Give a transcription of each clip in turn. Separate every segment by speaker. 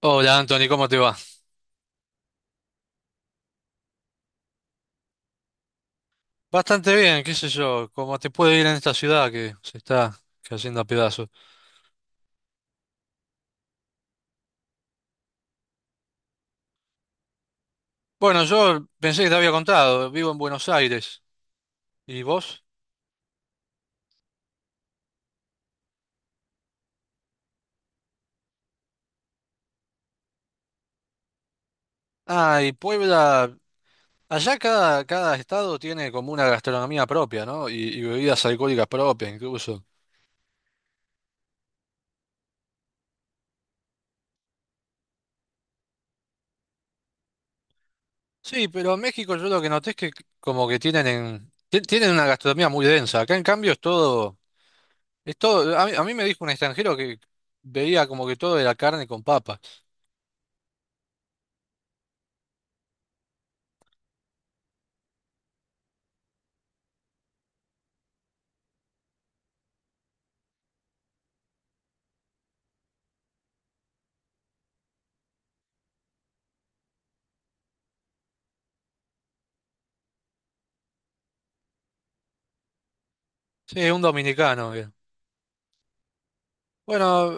Speaker 1: Hola Anthony, ¿cómo te va? Bastante bien, qué sé yo, cómo te puede ir en esta ciudad que se está cayendo a pedazos. Bueno, yo pensé que te había contado, vivo en Buenos Aires. ¿Y vos? Ah, y Puebla, allá cada estado tiene como una gastronomía propia, ¿no? Y bebidas alcohólicas propias incluso. Sí, pero en México yo lo que noté es que como que tienen una gastronomía muy densa. Acá en cambio es todo, a mí me dijo un extranjero que veía como que todo era carne con papas. Sí, un dominicano. Bien. Bueno,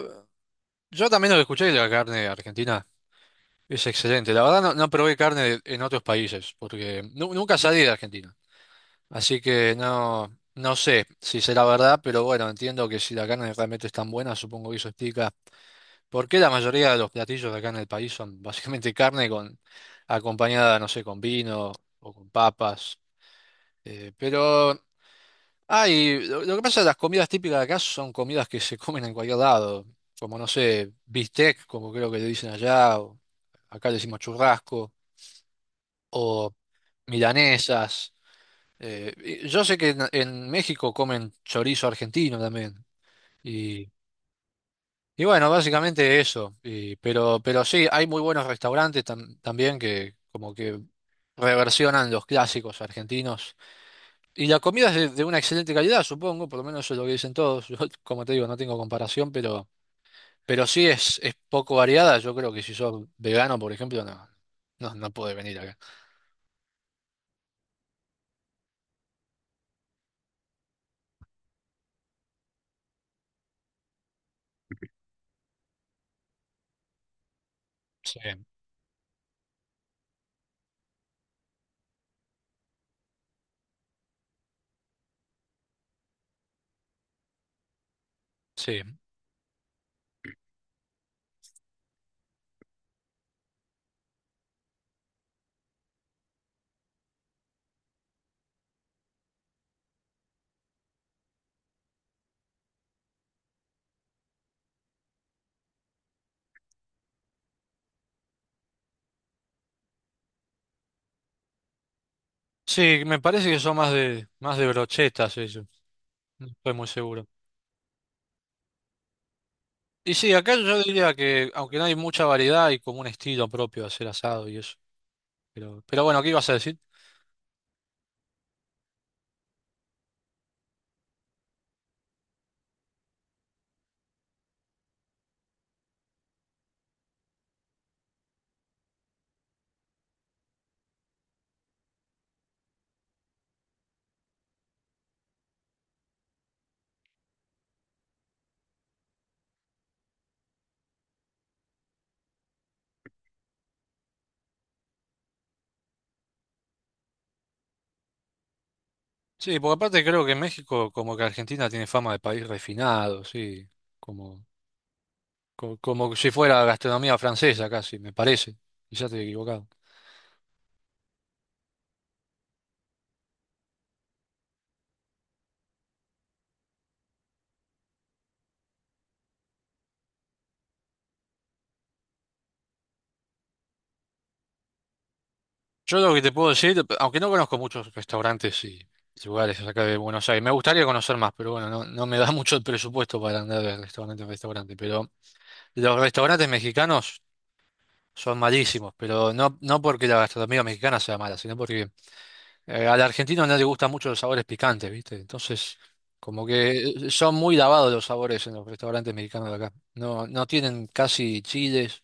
Speaker 1: yo también lo que escuché de la carne argentina es excelente. La verdad no, no probé carne en otros países porque nunca salí de Argentina. Así que no, no sé si será verdad, pero bueno, entiendo que si la carne realmente es tan buena, supongo que eso explica por qué la mayoría de los platillos de acá en el país son básicamente carne con acompañada, no sé, con vino o con papas. Eh, pero lo que pasa es que las comidas típicas de acá son comidas que se comen en cualquier lado, como no sé, bistec, como creo que le dicen allá, o acá le decimos churrasco, o milanesas. Eh, y yo sé que en México comen chorizo argentino también. Y, y bueno, básicamente eso. Pero sí, hay muy buenos restaurantes también que como que reversionan los clásicos argentinos. Y la comida es de una excelente calidad, supongo, por lo menos eso es lo que dicen todos. Yo, como te digo, no tengo comparación, pero sí es poco variada. Yo creo que si sos vegano, por ejemplo, no puede venir acá. Sí, sí. Sí, me parece que son más de brochetas eso. No estoy muy seguro. Y sí, acá yo diría que, aunque no hay mucha variedad, hay como un estilo propio de hacer asado y eso. Pero bueno, ¿qué ibas a decir? Sí, porque aparte creo que México, como que Argentina, tiene fama de país refinado, sí. Como como si fuera gastronomía francesa casi, me parece. Quizás estoy equivocado. Yo lo que te puedo decir, aunque no conozco muchos restaurantes y lugares acá de Buenos Aires, me gustaría conocer más, pero bueno, no, no me da mucho el presupuesto para andar de restaurante en restaurante. Pero los restaurantes mexicanos son malísimos, pero no, no porque la gastronomía mexicana sea mala, sino porque al argentino no le gustan mucho los sabores picantes, ¿viste? Entonces, como que son muy lavados los sabores en los restaurantes mexicanos de acá. No, no tienen casi chiles.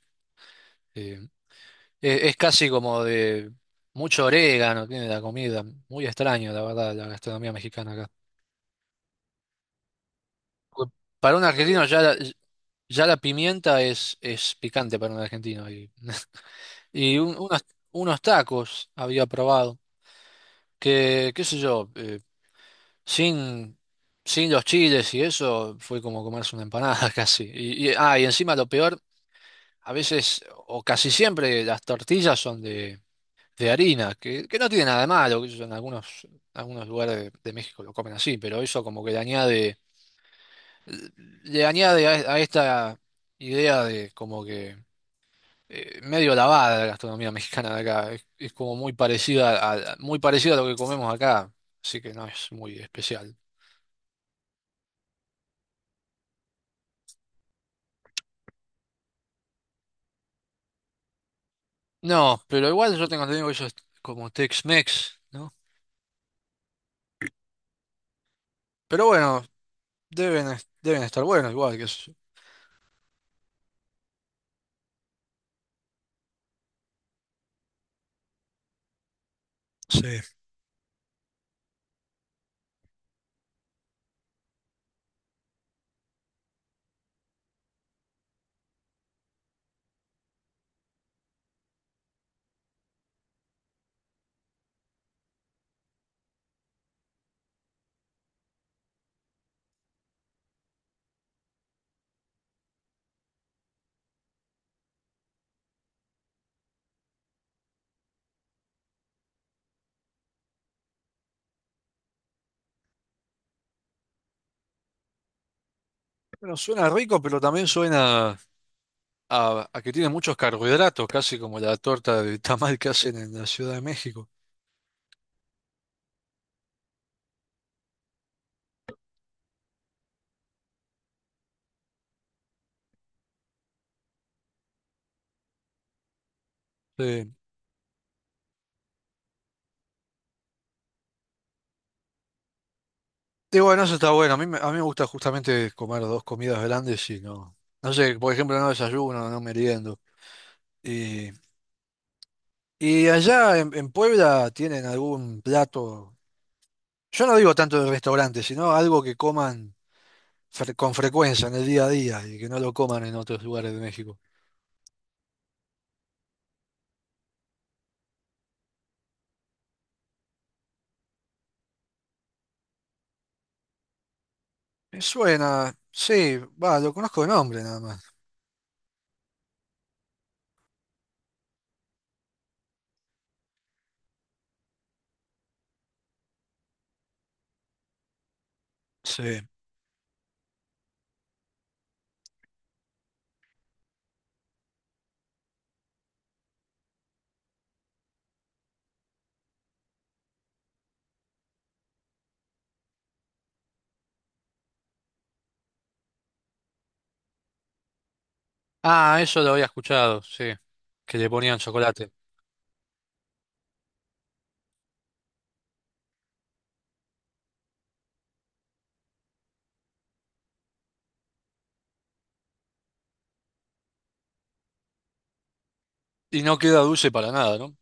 Speaker 1: eh, Casi como de mucho orégano, tiene la comida. Muy extraño, la verdad, la gastronomía mexicana acá. Porque Para un argentino ya la pimienta es picante para un argentino. Y, y un- unos, unos tacos había probado, que qué sé yo, sin, sin los chiles y eso fue como comerse una empanada casi. Y encima lo peor, a veces o casi siempre las tortillas son de harina, que no tiene nada de malo, que en algunos lugares de México lo comen así, pero eso como que le añade a esta idea de como que medio lavada de la gastronomía mexicana de acá, es como muy parecida a lo que comemos acá, así que no es muy especial. No, pero igual yo tengo entendido que eso es como Tex-Mex, ¿no? Pero bueno, deben estar buenos igual, que sí. Bueno, suena rico, pero también suena a que tiene muchos carbohidratos, casi como la torta de tamal que hacen en la Ciudad de México. Sí. Y bueno, eso está bueno. A mí me gusta justamente comer dos comidas grandes y no. No sé, por ejemplo, no desayuno, no meriendo. Y, y allá en Puebla tienen algún plato, yo no digo tanto de restaurante, sino algo que coman con frecuencia en el día a día y que no lo coman en otros lugares de México. Me suena, sí, va, lo conozco de nombre nada más. Sí. Ah, eso lo había escuchado, sí, que le ponían chocolate. ¿Y no queda dulce para nada, no?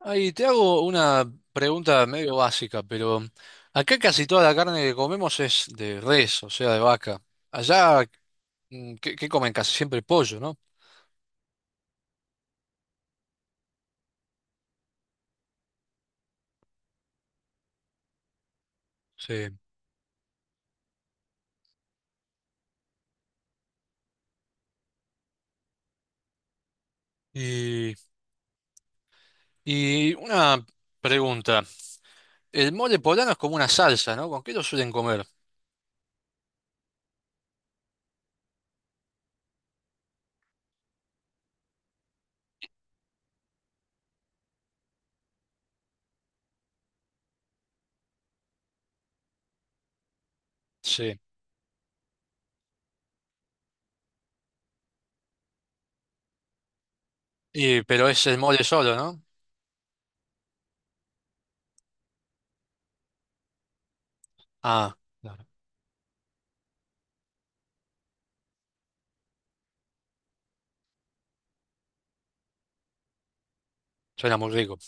Speaker 1: Ahí te hago una pregunta medio básica, pero acá casi toda la carne que comemos es de res, o sea, de vaca. Allá, mm, ¿qué comen? Casi siempre pollo, ¿no? Sí. Y, y una pregunta. El mole poblano es como una salsa, ¿no? ¿Con qué lo suelen comer? Sí. Y, pero es el mole solo, ¿no? Ah, claro. Suena muy rico.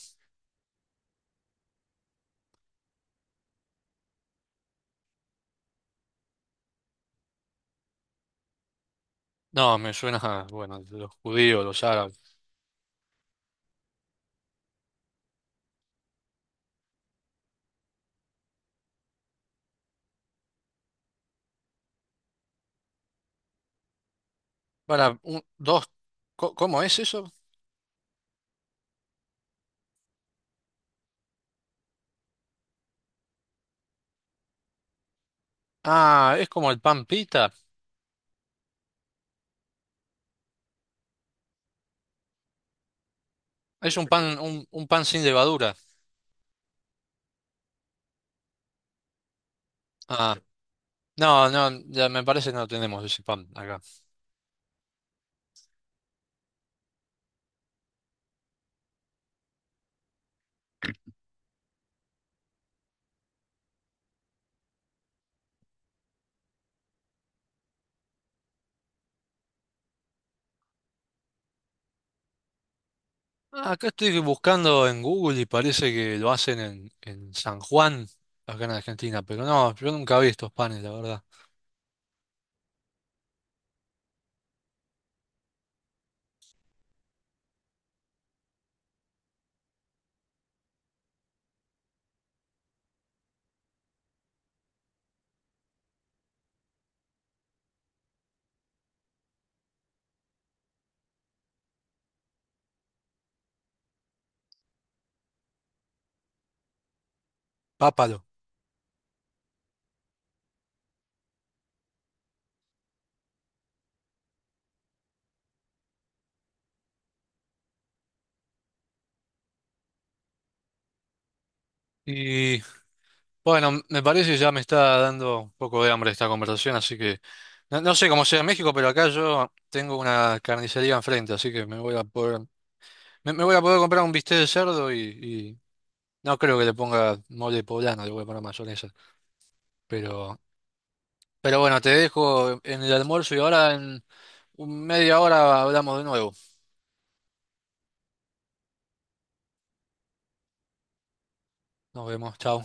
Speaker 1: No, me suena, a, bueno, los judíos, los árabes. Para un, dos, ¿cómo es eso? Ah, es como el pan pita. Es un pan sin levadura. Ah, no, no, ya me parece que no tenemos ese pan acá. Ah, acá estoy buscando en Google y parece que lo hacen en San Juan, acá en Argentina, pero no, yo nunca vi estos panes, la verdad. Pápalo. Y bueno, me parece que ya me está dando un poco de hambre esta conversación, así que no, no sé cómo sea en México, pero acá yo tengo una carnicería enfrente, así que me voy a poder. Me voy a poder comprar un bistec de cerdo y no creo que le ponga mole poblano, le voy a poner mayonesa. Pero, pero bueno, te dejo en el almuerzo y ahora en media hora hablamos de nuevo. Nos vemos, chao.